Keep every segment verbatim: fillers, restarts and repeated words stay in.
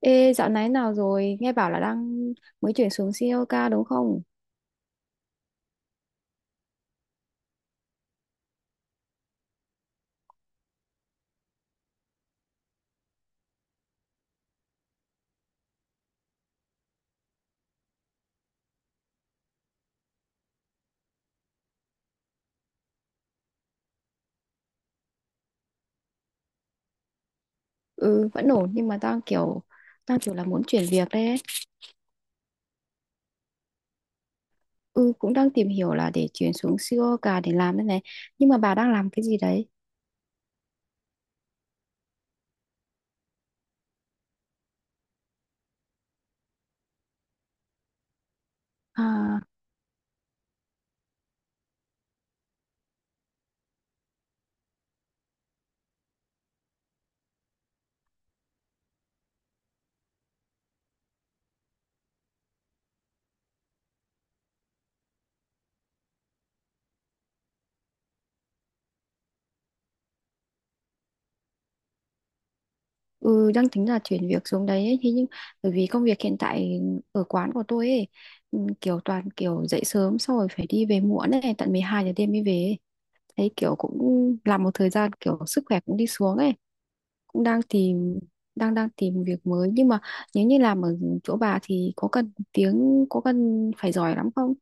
Ê, dạo này nào rồi? Nghe bảo là đang mới chuyển xuống xê ô ca đúng không? Ừ, vẫn ổn nhưng mà đang kiểu đang kiểu là muốn chuyển việc đấy. ấy. Ừ, cũng đang tìm hiểu là để chuyển xuống xê ô ca để làm đây này. Nhưng mà bà đang làm cái gì đấy? À, ừ, đang tính là chuyển việc xuống đấy ấy. Thế nhưng bởi vì công việc hiện tại ở quán của tôi ấy, ừ, kiểu toàn kiểu dậy sớm xong rồi phải đi về muộn ấy, tận mười hai giờ đêm mới về ấy. Thấy kiểu cũng làm một thời gian kiểu sức khỏe cũng đi xuống ấy. Cũng đang tìm đang đang tìm việc mới nhưng mà nếu như làm ở chỗ bà thì có cần tiếng có cần phải giỏi lắm không?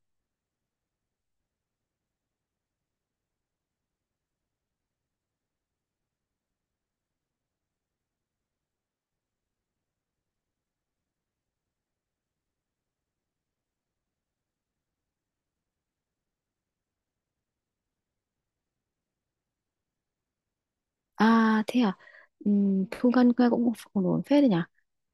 À thế à. Ừm, thu ngân nghe cũng ổn ổn phết đấy nhỉ,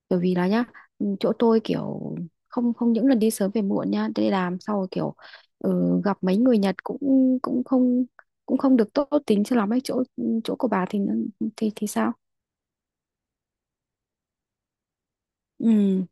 bởi vì là nhá, ừm, chỗ tôi kiểu không không những lần đi sớm về muộn nhá đi làm sau kiểu, ừ, gặp mấy người Nhật cũng cũng không cũng không được tốt tính cho lắm ấy. Chỗ chỗ của bà thì nó- thì thì sao? Ừ.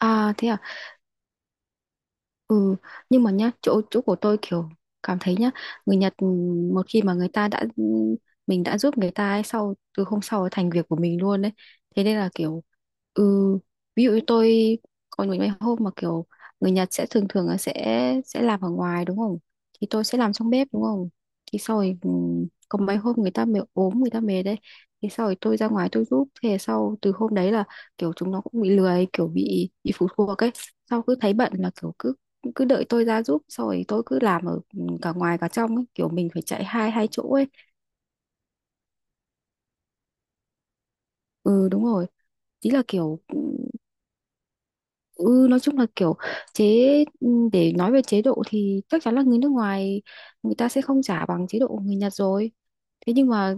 À thế à. Ừ, nhưng mà nhá, chỗ chỗ của tôi kiểu cảm thấy nhá, người Nhật ừ, một khi mà người ta đã, ừ, mình đã giúp người ta ấy, sau từ hôm sau ấy thành việc của mình luôn đấy. Thế nên là kiểu, ừ, ví dụ như tôi có những cái hôm mà kiểu người Nhật sẽ thường thường là sẽ sẽ làm ở ngoài đúng không? Thì tôi sẽ làm trong bếp đúng không? Thì sau rồi, ừ, có mấy hôm người ta mệt ốm người ta mệt đấy, thì sau rồi tôi ra ngoài tôi giúp, thế sau từ hôm đấy là kiểu chúng nó cũng bị lười kiểu bị bị phụ thuộc ấy, sau cứ thấy bận là kiểu cứ cứ đợi tôi ra giúp xong rồi tôi cứ làm ở, ừ, cả ngoài cả trong ấy. Kiểu mình phải chạy hai hai chỗ ấy. Ừ đúng rồi. Ý là kiểu, ừ ừ, nói chung là kiểu chế, ừ, để nói về chế độ thì chắc chắn là người nước ngoài người ta sẽ không trả bằng chế độ của người Nhật rồi, thế nhưng mà,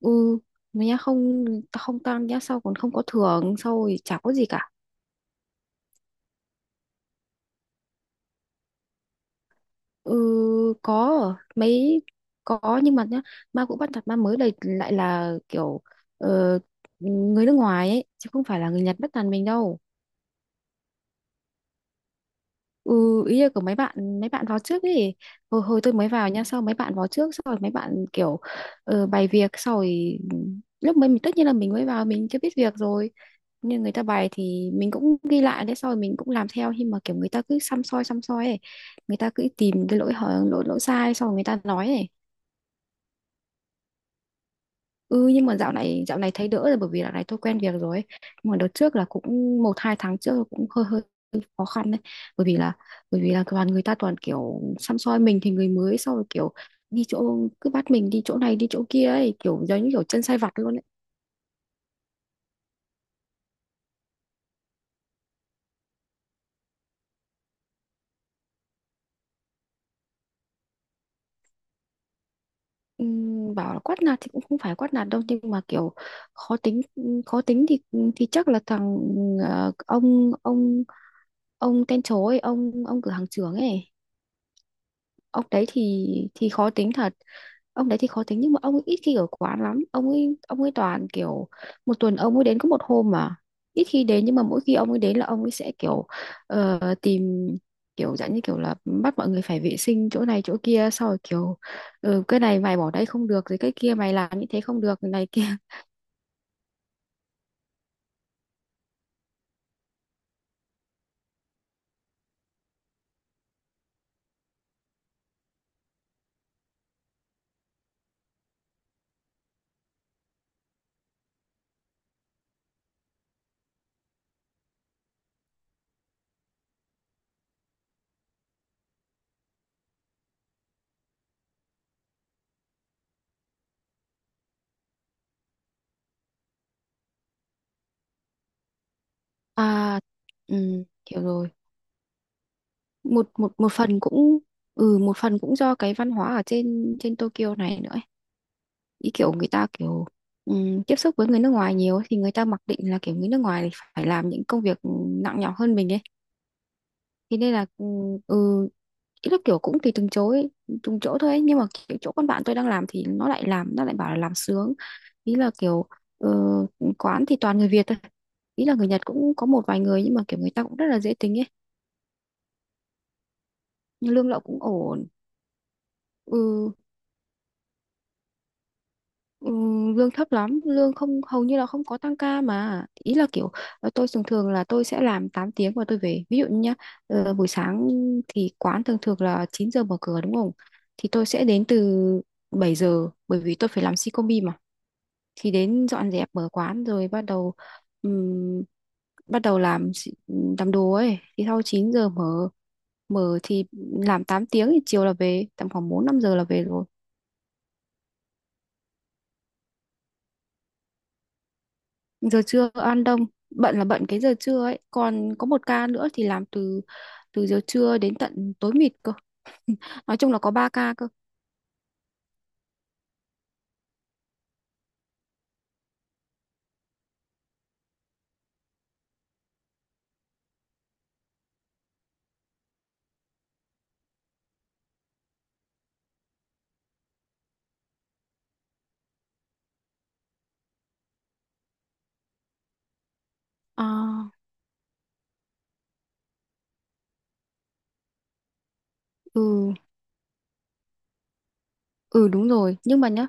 ừ, người nhá không không tăng nhá, sau còn không có thưởng sau rồi chả có gì cả. Ừ, có mấy, có nhưng mà nhá, ma cũ bắt nạt ma mới đây lại là kiểu, ờ, người nước ngoài ấy chứ không phải là người Nhật bắt nạt mình đâu. Ừ, ý là của mấy bạn, mấy bạn vào trước ấy. Hồi hồi tôi mới vào nha, sau mấy bạn vào trước, sau rồi mấy bạn kiểu, ờ, bày việc sau rồi lúc mới mình tất nhiên là mình mới vào mình chưa biết việc rồi, nhưng người ta bày thì mình cũng ghi lại đấy, sau rồi mình cũng làm theo, nhưng mà kiểu người ta cứ xăm soi xăm soi ấy, người ta cứ tìm cái lỗi hở lỗi lỗi sai sau rồi người ta nói ấy. Ừ nhưng mà dạo này dạo này thấy đỡ rồi bởi vì dạo này tôi quen việc rồi ấy. Nhưng mà đợt trước là cũng một hai tháng trước là cũng hơi hơi khó khăn đấy, bởi vì là bởi vì là toàn người ta toàn kiểu săm soi mình thì người mới sau rồi kiểu đi chỗ cứ bắt mình đi chỗ này đi chỗ kia ấy, kiểu giống như kiểu chân sai vặt luôn ấy. Ừm, bảo là quát nạt thì cũng không phải quát nạt đâu nhưng mà kiểu khó tính, khó tính thì thì chắc là thằng, ờ, ông ông ông tên chó ấy, ông ông cửa hàng trưởng ấy. Ông đấy thì thì khó tính thật. Ông đấy thì khó tính nhưng mà ông ấy ít khi ở quán lắm, ông ấy ông ấy toàn kiểu một tuần ông ấy đến có một hôm mà, ít khi đến nhưng mà mỗi khi ông ấy đến là ông ấy sẽ kiểu, ờ, tìm kiểu dạng như kiểu là bắt mọi người phải vệ sinh chỗ này chỗ kia, sau rồi kiểu, ừ, cái này mày bỏ đây không được rồi cái kia mày làm như thế không được này kia à ừ, hiểu rồi. Một một một phần cũng, ừ một phần cũng do cái văn hóa ở trên trên Tokyo này nữa ấy. Ý kiểu người ta kiểu, ừm, tiếp xúc với người nước ngoài nhiều ấy, thì người ta mặc định là kiểu người nước ngoài thì phải làm những công việc nặng nhọc hơn mình ấy. Thế nên là, ừm, ừ, ý là kiểu cũng tùy từng chỗ ấy, từng chỗ thôi ấy. Nhưng mà kiểu chỗ con bạn tôi đang làm thì nó lại làm nó lại bảo là làm sướng. Ý là kiểu, ờ, quán thì toàn người Việt thôi, ý là người Nhật cũng có một vài người nhưng mà kiểu người ta cũng rất là dễ tính ấy. Nhưng lương lậu cũng ổn. Ừ. Ừ, lương thấp lắm, lương không hầu như là không có tăng ca mà, ý là kiểu, ờ, tôi thường thường là tôi sẽ làm tám tiếng và tôi về, ví dụ như nhá, ờ, buổi sáng thì quán thường thường là chín giờ mở cửa đúng không, thì tôi sẽ đến từ bảy giờ bởi vì tôi phải làm si combi mà, thì đến dọn dẹp mở quán rồi bắt đầu, ừm, bắt đầu làm xị- làm đồ ấy, thì sau chín giờ mở, mở thì làm tám tiếng thì chiều là về tầm khoảng bốn năm giờ là về rồi. Giờ trưa ăn đông, bận là bận cái giờ trưa ấy, còn có một ca nữa thì làm từ từ giờ trưa đến tận tối mịt cơ. Nói chung là có ba ca cơ. À, ừ. Ừ đúng rồi nhưng mà nhá,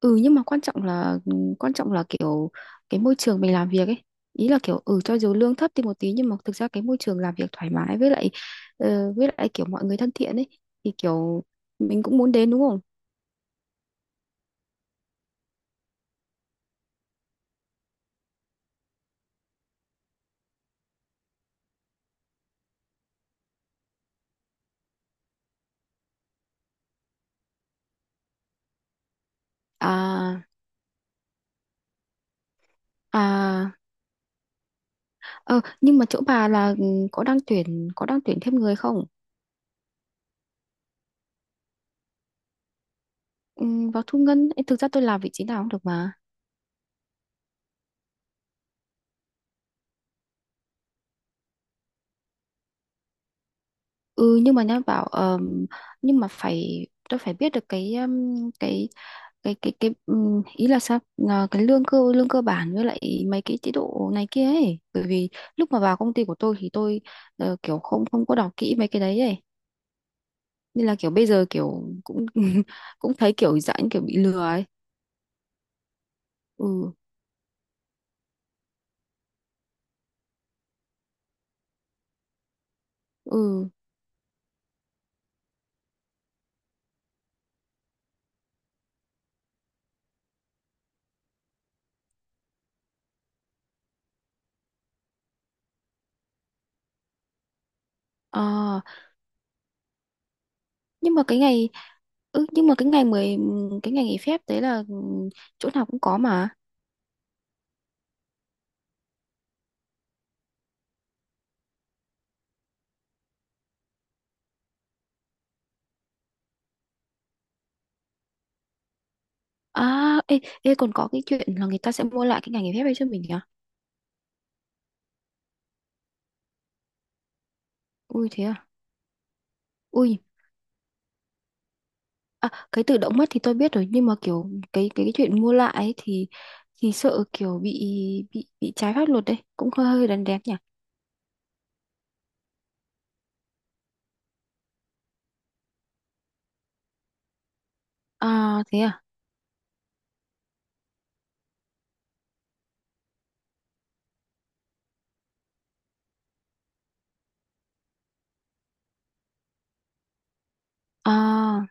ừ nhưng mà quan trọng là quan trọng là kiểu cái môi trường mình làm việc ấy. Ý là kiểu, ừ cho dù lương thấp thì một tí nhưng mà thực ra cái môi trường làm việc thoải mái, với lại, ờ, với lại kiểu mọi người thân thiện ấy, thì kiểu mình cũng muốn đến đúng không. À. À. Ờ, nhưng mà chỗ bà là, ừ, có đang tuyển, có đang tuyển thêm người không? Ừ, vào thu ngân ấy, thực ra tôi làm vị trí nào cũng được mà. Ừ nhưng mà nhá bảo, ờm, nhưng mà phải, tôi phải biết được cái, ừm, cái cái cái cái, ừm, ý là sao, là cái lương cơ, lương cơ bản với lại mấy cái chế độ này kia ấy. Bởi vì lúc mà vào công ty của tôi thì tôi, ờ, kiểu không không có đọc kỹ mấy cái đấy ấy. Nên là kiểu bây giờ kiểu cũng cũng thấy kiểu dạng kiểu bị lừa ấy. Ừ. Ừ. Ờ nhưng mà cái ngày, ừ, nhưng mà cái ngày mười cái ngày nghỉ phép đấy là, ừ, chỗ nào cũng có mà. À. Ê, ê còn có cái chuyện là người ta sẽ mua lại cái ngày nghỉ phép ấy cho mình nhỉ. Ui thế à. Ui. À, cái tự động mất thì tôi biết rồi nhưng mà kiểu cái cái, cái chuyện mua lại ấy thì thì sợ kiểu bị bị bị trái pháp luật đấy, cũng hơi hơi đần đét nhỉ. À thế à. À.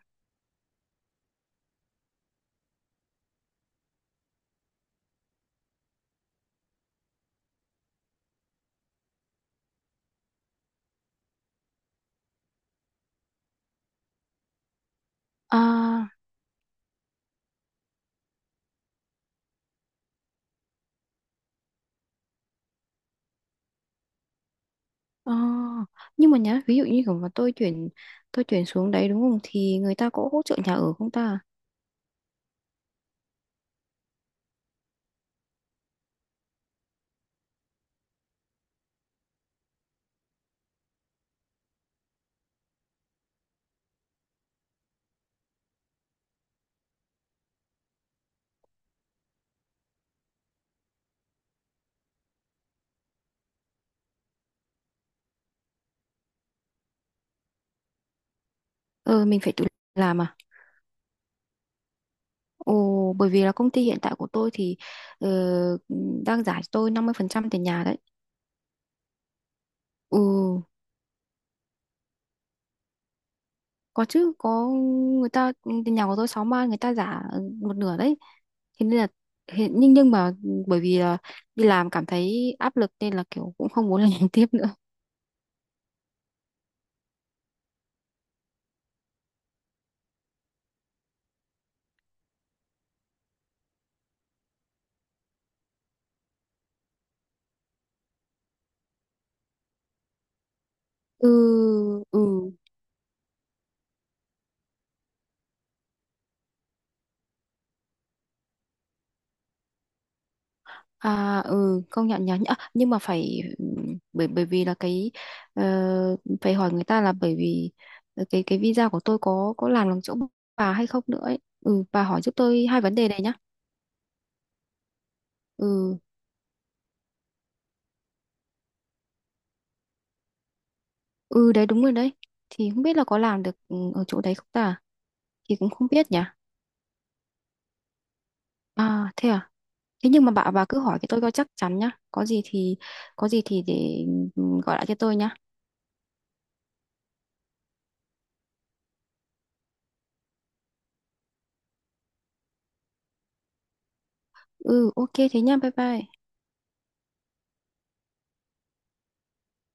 À. À nhưng mà nhá, ví dụ như kiểu mà tôi chuyển, tôi chuyển xuống đấy đúng không thì người ta có hỗ trợ nhà ở không ta? Ờ mình phải tự làm à? Ồ, bởi vì là công ty hiện tại của tôi thì, ờ, đang giải cho tôi năm mươi phần trăm tiền nhà đấy. Ừ, có chứ, có, người ta, tiền nhà của tôi sáu man người ta giả một nửa đấy. Thế nên là hiện, nhưng nhưng mà bởi vì là đi làm cảm thấy áp lực nên là kiểu cũng không muốn làm tiếp nữa. Ừ. Ừ. À ừ công nhận nhắn à, nhưng mà phải, ừm, bởi bởi vì là cái, ờ, phải hỏi người ta là bởi vì, ờ, cái cái visa của tôi có có làm bằng chỗ bà hay không nữa ấy. Ừ bà hỏi giúp tôi hai vấn đề này nhá. Ừ ừ đấy đúng rồi đấy. Thì không biết là có làm được, ừ, ở chỗ đấy không ta? Thì cũng không biết nhỉ. À thế à. Thế nhưng mà bà bà cứ hỏi cái tôi coi chắc chắn nhá. Có gì thì, có gì thì để, ừ, gọi lại cho tôi nhá. Ừ ok thế nhá. Bye bye.